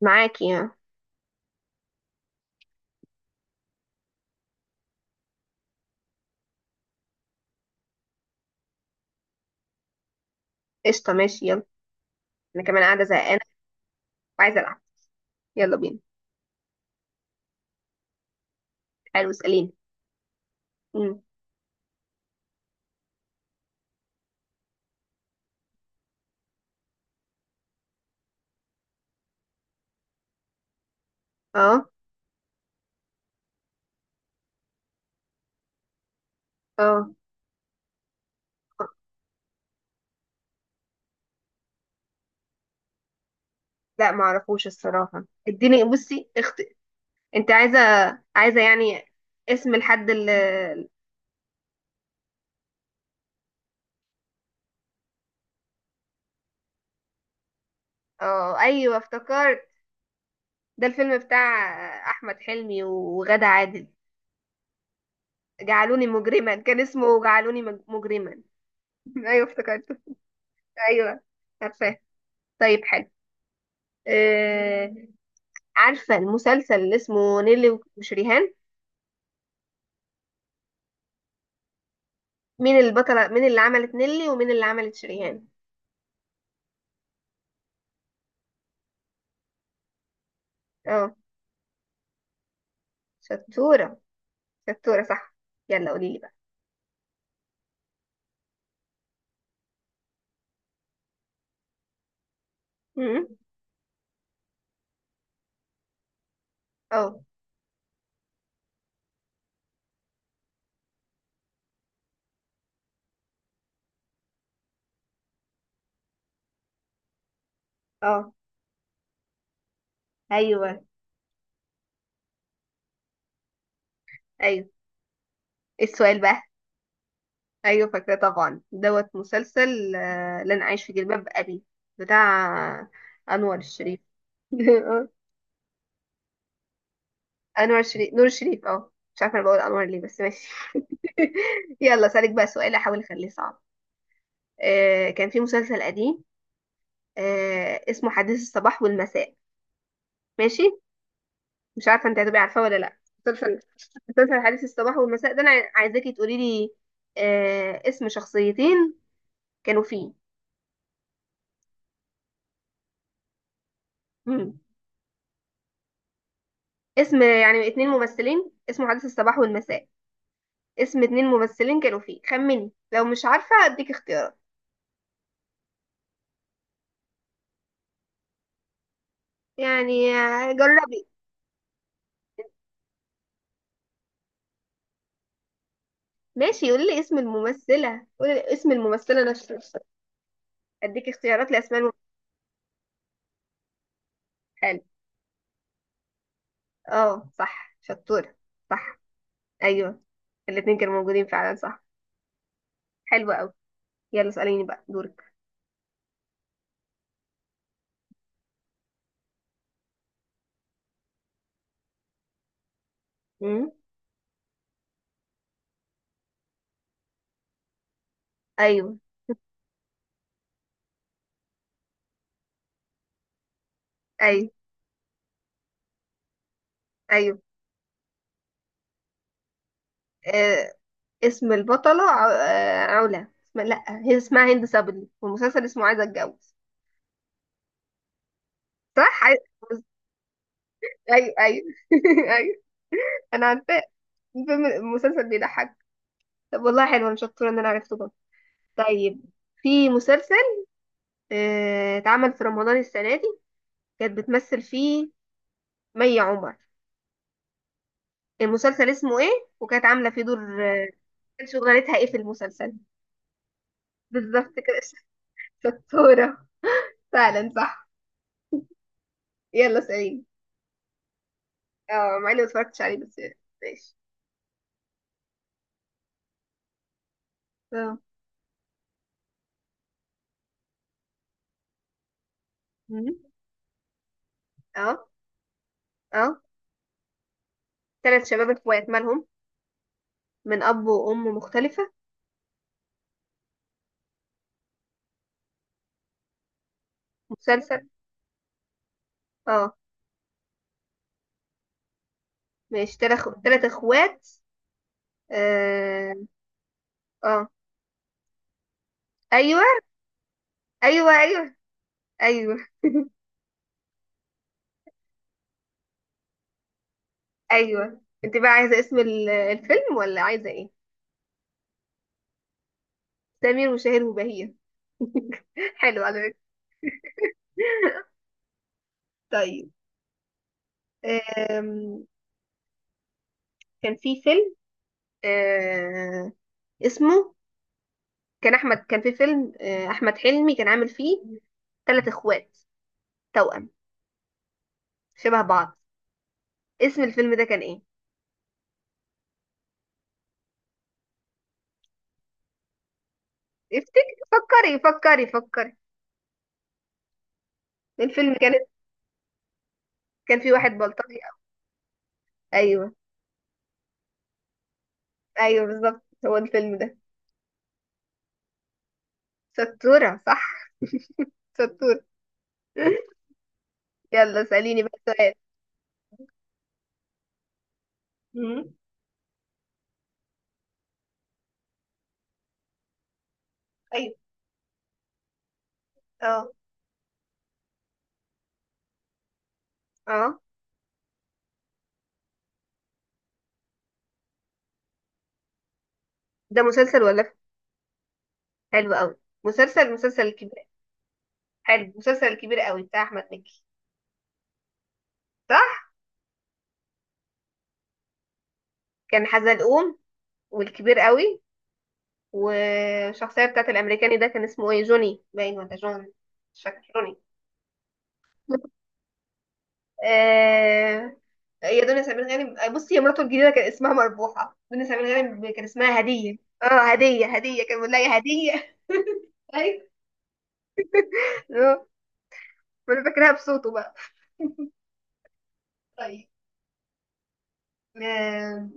معاكي. قشطة ماشي يلا. أنا كمان قاعدة زهقانة وعايزة ألعب. يلا بينا. حلو، اسأليني. مم. اه. اه، لا معرفوش الصراحة، اديني بصي انت عايزة يعني اسم الحد اللي... اه، ايوه افتكرت، ده الفيلم بتاع أحمد حلمي وغادة عادل، جعلوني مجرما، كان اسمه مجرما. ايوه افتكرته، ايوه عارفاه. طيب حلو. آه... عارفة المسلسل اللي اسمه نيلي وشريهان؟ مين البطلة، مين اللي عملت نيلي ومين اللي عملت شريهان؟ اه، شطورة شطورة صح. يلا قولي لي بقى. م- اه. اه، ايوه ايوه. إيه السؤال بقى؟ ايوه فاكرة طبعا، دوت مسلسل لن اعيش في جلباب ابي، بتاع انور الشريف. آه، انور الشريف، نور الشريف، اه مش عارفة انا بقول انور ليه، بس ماشي. يلا سألك بقى سؤال احاول اخليه صعب. كان في مسلسل قديم اسمه حديث الصباح والمساء. ماشي، مش عارفه انت هتبقي عارفاه ولا لا. مسلسل مسلسل حديث الصباح والمساء ده، انا عايزاكي تقولي لي اسم شخصيتين كانوا فيه. مم. اسم يعني اتنين ممثلين، اسمه حديث الصباح والمساء، اسم اتنين ممثلين كانوا فيه، خمني، لو مش عارفه اديك اختيارات. يعني جربي. ماشي، قولي لي اسم الممثله، قولي لي اسم الممثله نفسها، اديك اختيارات لاسماء الممثلين. حلو، اه صح، شطوره صح، ايوه الاتنين كانوا موجودين فعلا صح. حلو قوي، يلا اساليني بقى دورك. مم. ايوه ايوه ايوه. آه، اسم البطلة علا. لا، هي اسمها هند صبري، والمسلسل اسمه عايزة اتجوز. صح، ايوه ايوه. ايوه انا عارفاه، الفيلم المسلسل بيضحك. طب والله حلو، انا شطورة ان انا عرفته برضه. طيب، في مسلسل اتعمل في رمضان السنة دي، كانت بتمثل فيه مي عمر، المسلسل اسمه ايه؟ وكانت عاملة فيه دور آه، كان شغلتها ايه في المسلسل؟ بالظبط كده. شطورة فعلا صح. يلا سعيد. اه، مع اني متفرجتش عليه بس. ماشي. اه. مم. اه. اه، تلات شباب اخوات مالهم، من اب وام مختلفة. مسلسل. اه، ماشي، تلات اخوات. اه. اه، ايوه ايوه ايوه ايوه. ايوه، انت بقى عايزة اسم الفيلم ولا عايزة ايه؟ سمير وشهير وبهير. حلو على فكرة. طيب. آم، كان في فيلم آه، اسمه، كان في فيلم احمد حلمي كان عامل فيه ثلاث اخوات توأم شبه بعض، اسم الفيلم ده كان ايه؟ افتكري، فكري فكري فكري. الفيلم كان، كان في واحد بلطجي. ايوه ايوه بالظبط، هو الفيلم ده. ستورة صح، ستورة. يلا سأليني بقى سؤال. مم. ايوه. اه. اه. ده مسلسل ولا فيلم؟ حلو قوي، مسلسل الكبير. حلو، مسلسل الكبير قوي بتاع احمد مكي. صح، كان حزلقوم والكبير قوي، والشخصيه بتاعت الامريكاني ده كان اسمه ايه؟ جوني باين ولا جون؟ مش فاكر، جوني. آه، هي دنيا سمير غانم. بصي، هي مراته الجديده كان اسمها مربوحه، دنيا سمير غانم كان اسمها هديه، اه هديه، هديه كان بيقول لها يا هديه. ايوه. آه، وانا فاكرها بصوته بقى. طيب. آه،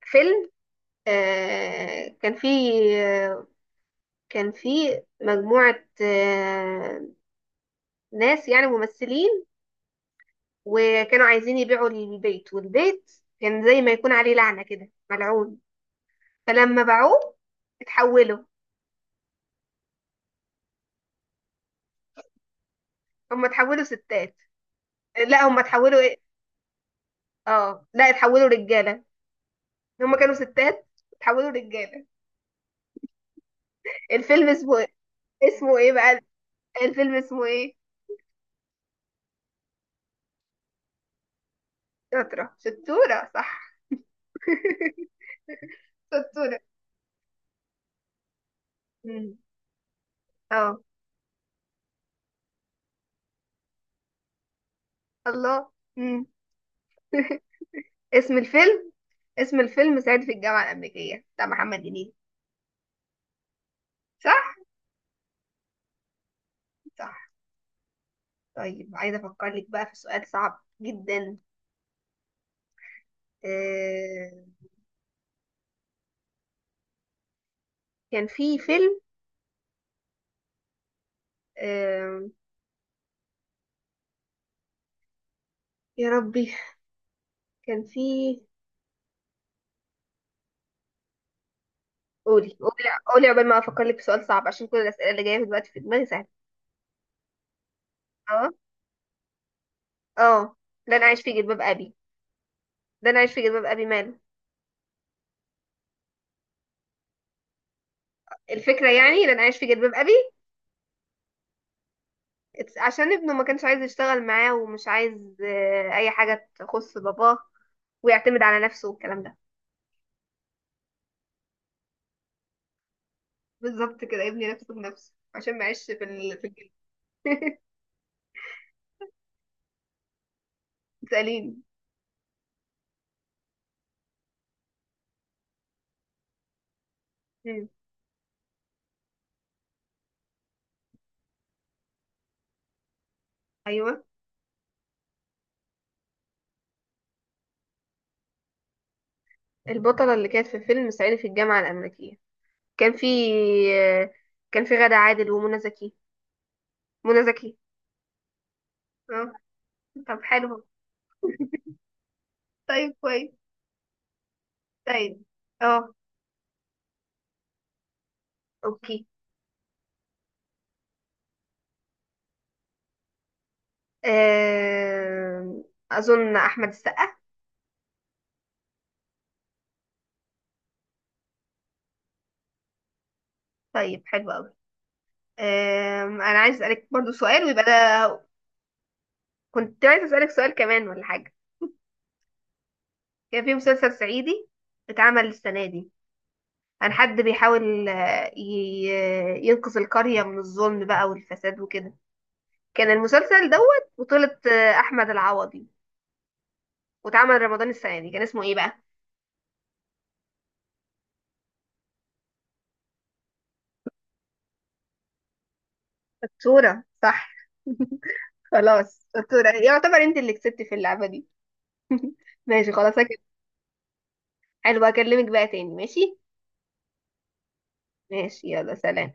فيلم، كان فيه آه، مجموعة ناس يعني ممثلين، وكانوا عايزين يبيعوا البيت، والبيت كان زي ما يكون عليه لعنة كده، ملعون، فلما باعوه اتحولوا. هم اتحولوا ستات؟ لا هم اتحولوا ايه؟ اه لا، اتحولوا رجاله، هم كانوا ستات اتحولوا رجاله. الفيلم اسمه ايه؟ اسمه ايه بقى؟ الفيلم اسمه ايه؟ شطرة، شطورة صح. شطورة. مم. اه. الله. مم. اسم الفيلم، اسم الفيلم صعيدي في الجامعة الأمريكية بتاع محمد هنيدي. صح. صح. طيب، عايزة أفكر لك بقى في سؤال صعب جدا. آه... كان في فيلم آه... يا ربي، كان في... قولي قولي. قولي قبل ما افكر لك في سؤال صعب عشان كل الاسئله اللي جايه دلوقتي في دماغي سهله. اه. اه، لن اعيش في جلباب ابي. لن اعيش في جلباب ابي ماله؟ الفكره يعني لن اعيش في جلباب ابي، عشان ابنه ما كانش عايز يشتغل معاه، ومش عايز اي حاجه تخص باباه، ويعتمد على نفسه والكلام ده. بالظبط كده، ابني نفسه بنفسه عشان ما يعيش في في الجلد. تسأليني. مم. ايوه. البطله اللي كانت في فيلم صعيدي في الجامعه الامريكيه، كان في آه، كان في غادة عادل ومنى زكي. منى زكي. اه. طب حلو. طيب كويس. طيب. اه. اوكي. آم، اظن احمد السقا. طيب حلو قوي، انا عايز اسالك برضو سؤال ويبقى ده. كنت عايز اسالك سؤال كمان ولا حاجه. كان في مسلسل صعيدي اتعمل السنه دي، عن حد بيحاول ينقذ القريه من الظلم بقى والفساد وكده، كان المسلسل دوت بطولة احمد العوضي، واتعمل رمضان السنه دي، كان اسمه ايه بقى؟ الصورة صح. خلاص أسطورة، يعتبر انت اللي كسبت في اللعبة دي. ماشي خلاص أكد. حلو هكلمك بقى تاني ماشي. ماشي يلا سلام.